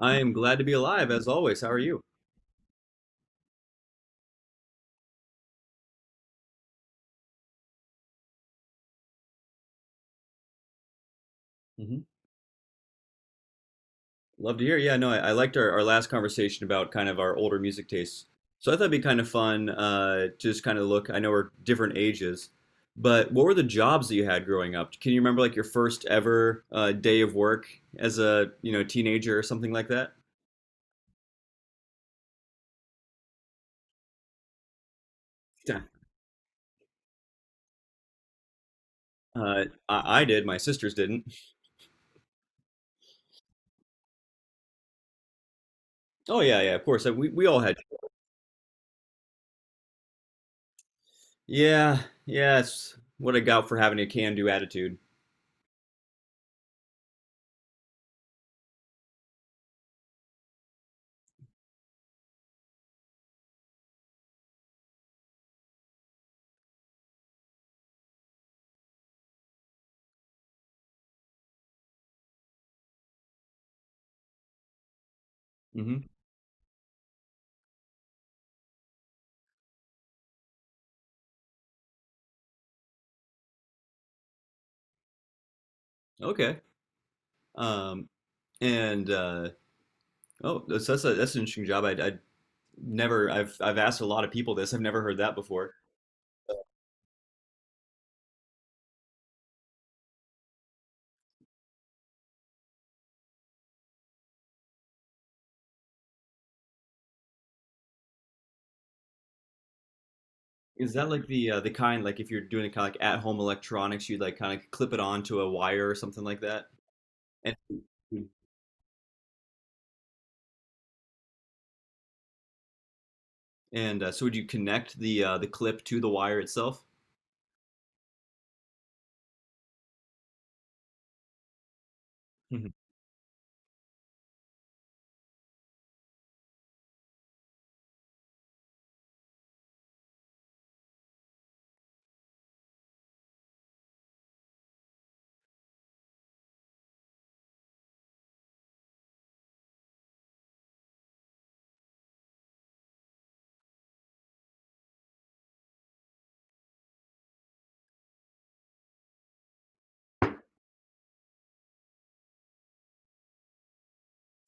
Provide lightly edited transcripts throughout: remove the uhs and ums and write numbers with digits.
I am glad to be alive as always. How are you? Mhm. Love to hear. Yeah, no, I liked our last conversation about kind of our older music tastes. So I thought it'd be kind of fun to just kind of look. I know we're different ages, but what were the jobs that you had growing up? Can you remember like your first ever day of work as a teenager or something like that? Yeah. I did. My sisters didn't. Oh yeah, yeah. Of course, we all had. Yeah, yeah. It's what I got for having a can-do attitude. hmm Okay. Um, and oh, that's an interesting job. I Never. I've asked a lot of people this. I've never heard that before. Is that like the kind like if you're doing kind of like at home electronics, you'd like kind of clip it onto a wire or something like that? And and so would you connect the clip to the wire itself? Mhm.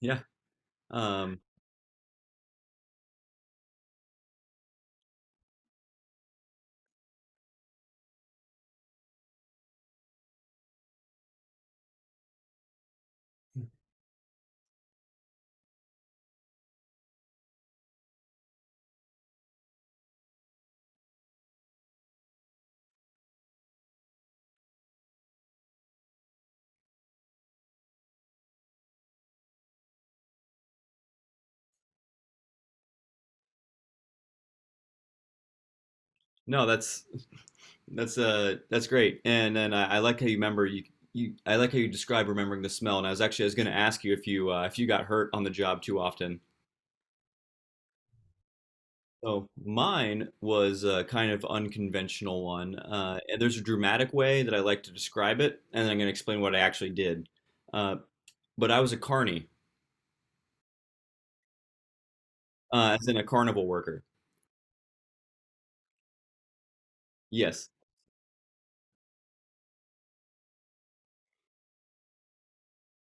Yeah. Um, no, that's great. And then I like how you remember you you I like how you describe remembering the smell. And I was going to ask you if you if you got hurt on the job too often. So mine was a kind of unconventional one, and there's a dramatic way that I like to describe it, and then I'm going to explain what I actually did. Uh, but I was a carny, as in a carnival worker. Yes.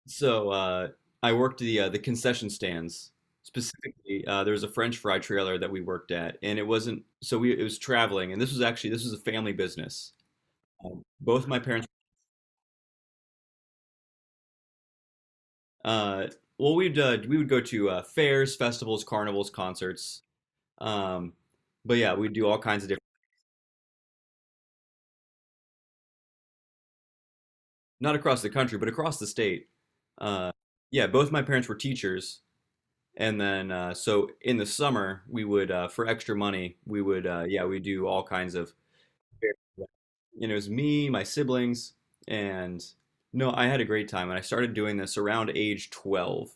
So I worked the concession stands. Specifically, there was a French fry trailer that we worked at, and it wasn't so we it was traveling, and this was a family business. Both my parents. Uh, well, we would go to fairs, festivals, carnivals, concerts. Um, but yeah, we do all kinds of different, not across the country, but across the state. Uh, yeah, both my parents were teachers, and then so in the summer we would for extra money we would yeah we do all kinds of it was me, my siblings, and no, I had a great time, and I started doing this around age 12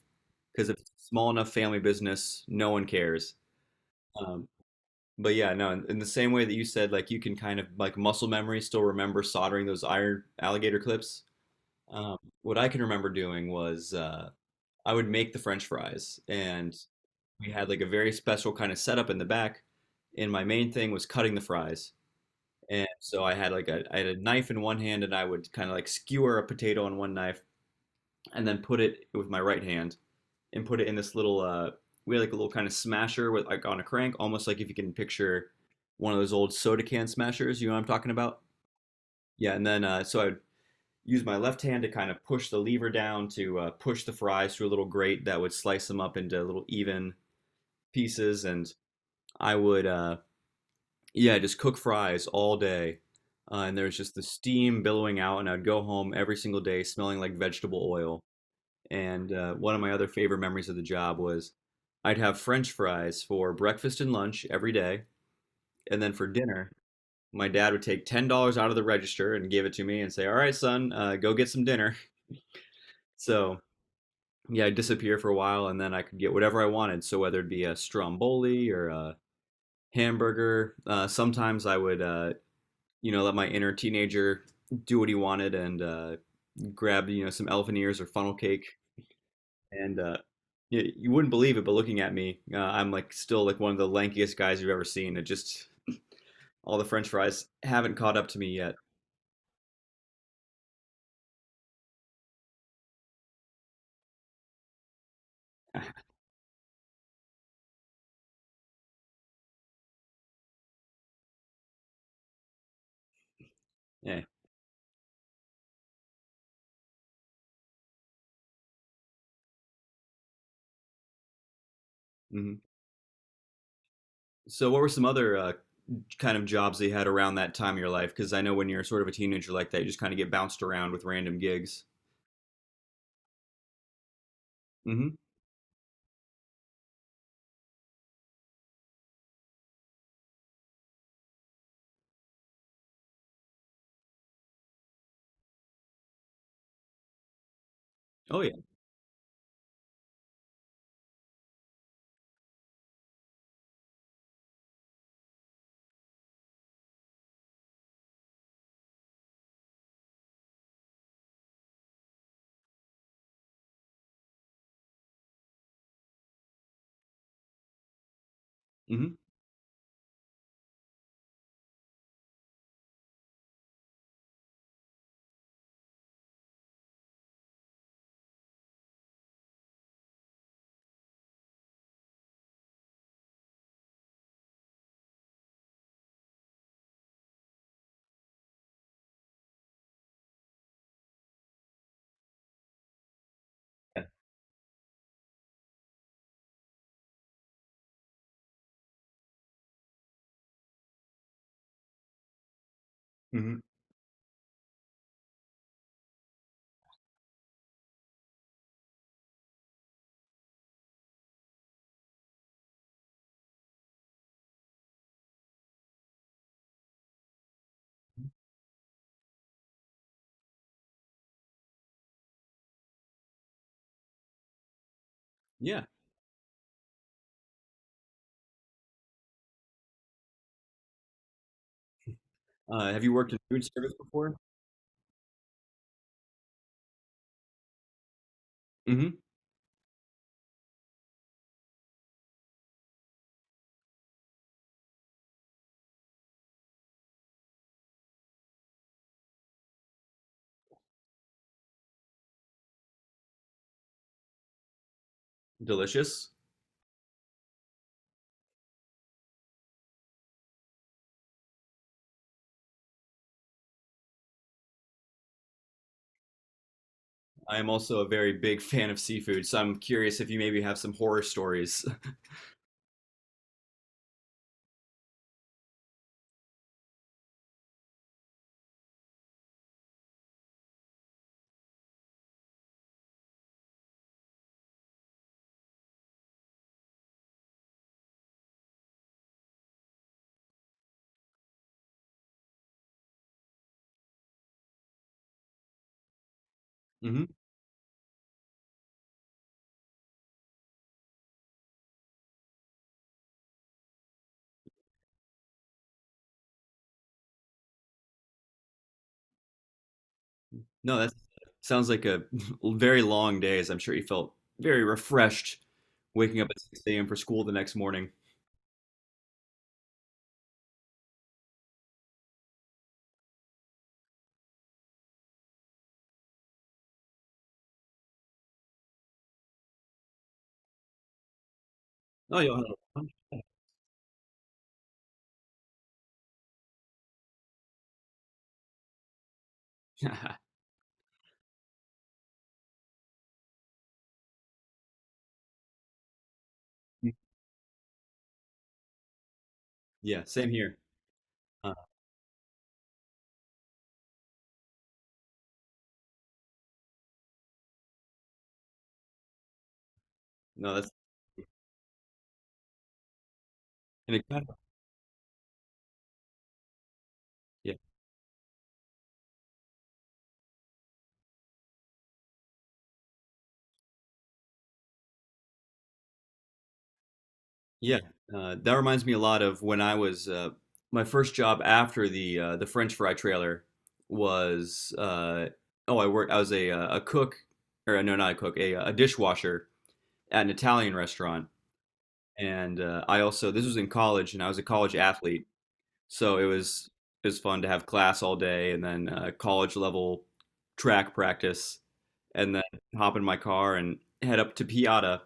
because if it's a small enough family business, no one cares. Um, But yeah, no, in the same way that you said, like you can kind of like muscle memory still remember soldering those iron alligator clips. What I can remember doing was I would make the French fries, and we had like a very special kind of setup in the back. And my main thing was cutting the fries. And so I had like a I had a knife in one hand, and I would kind of like skewer a potato on one knife, and then put it with my right hand and put it in this little we had like a little kind of smasher with like on a crank, almost like if you can picture one of those old soda can smashers, you know what I'm talking about? Yeah, and then so I would use my left hand to kind of push the lever down to push the fries through a little grate that would slice them up into little even pieces and I would yeah, just cook fries all day. And there was just the steam billowing out, and I'd go home every single day smelling like vegetable oil. And one of my other favorite memories of the job was I'd have French fries for breakfast and lunch every day. And then for dinner, my dad would take $10 out of the register and give it to me and say, "All right, son, go get some dinner." So, yeah, I'd disappear for a while and then I could get whatever I wanted. So, whether it be a stromboli or a hamburger, sometimes I would, let my inner teenager do what he wanted and grab, some elephant ears or funnel cake. And yeah, you wouldn't believe it, but looking at me, I'm still like one of the lankiest guys you've ever seen. It just all the French fries haven't caught up to me yet. Yeah. hmm So, what were some other kind of jobs that you had around that time of your life? Because I know when you're sort of a teenager like that, you just kind of get bounced around with random gigs. hmm Oh yeah. hmm Yeah. hmm Yeah. Have you worked in food service before? hmm Delicious. I am also a very big fan of seafood, so I'm curious if you maybe have some horror stories. No, that sounds like a very long day, as I'm sure you felt very refreshed waking up at 6 a.m. for school the next morning. Oh, you'll have lunch? Yeah, same here. Uh, no, that's an exciting. Yeah, yeah. That reminds me a lot of when I was my first job after the French fry trailer was oh I was a cook or no not a cook a dishwasher at an Italian restaurant. And I also, this was in college and I was a college athlete. So it was fun to have class all day and then college level track practice, and then hop in my car and head up to Piata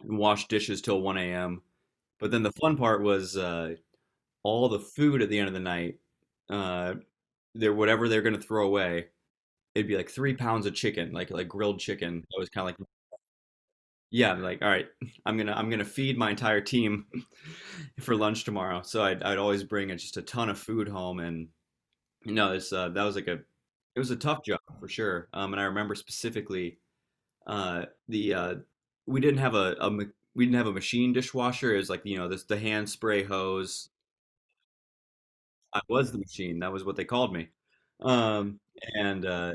and wash dishes till 1 a.m. But then the fun part was all the food at the end of the night. Uh, they're whatever they're gonna throw away. It'd be like 3 pounds of chicken, like grilled chicken. I was kind of like, yeah, I'm like all right, I'm gonna feed my entire team for lunch tomorrow. So I'd always bring just a ton of food home. And no, it's that was like a it was a tough job for sure. And I remember specifically the we didn't have a, a ma- we didn't have a machine dishwasher. It was like this the hand spray hose. I was the machine. That was what they called me. Um, and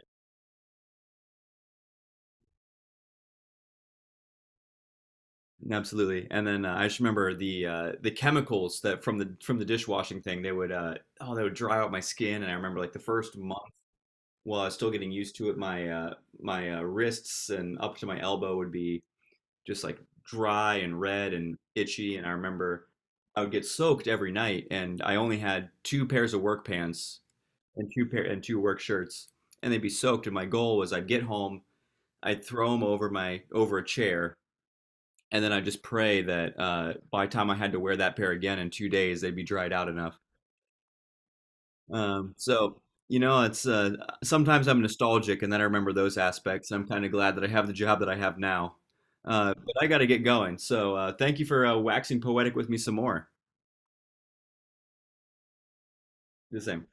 absolutely. And then I just remember the chemicals that from the dishwashing thing. They would dry out my skin. And I remember like the first month while I was still getting used to it, my wrists and up to my elbow would be just like dry and red and itchy. And I remember I would get soaked every night, and I only had two pairs of work pants and two work shirts, and they'd be soaked. And my goal was I'd get home, I'd throw them over a chair, and then I'd just pray that by the time I had to wear that pair again in 2 days, they'd be dried out enough. Um, so, it's sometimes I'm nostalgic and then I remember those aspects. I'm kind of glad that I have the job that I have now. But I got to get going. So, thank you for waxing poetic with me some more. The same.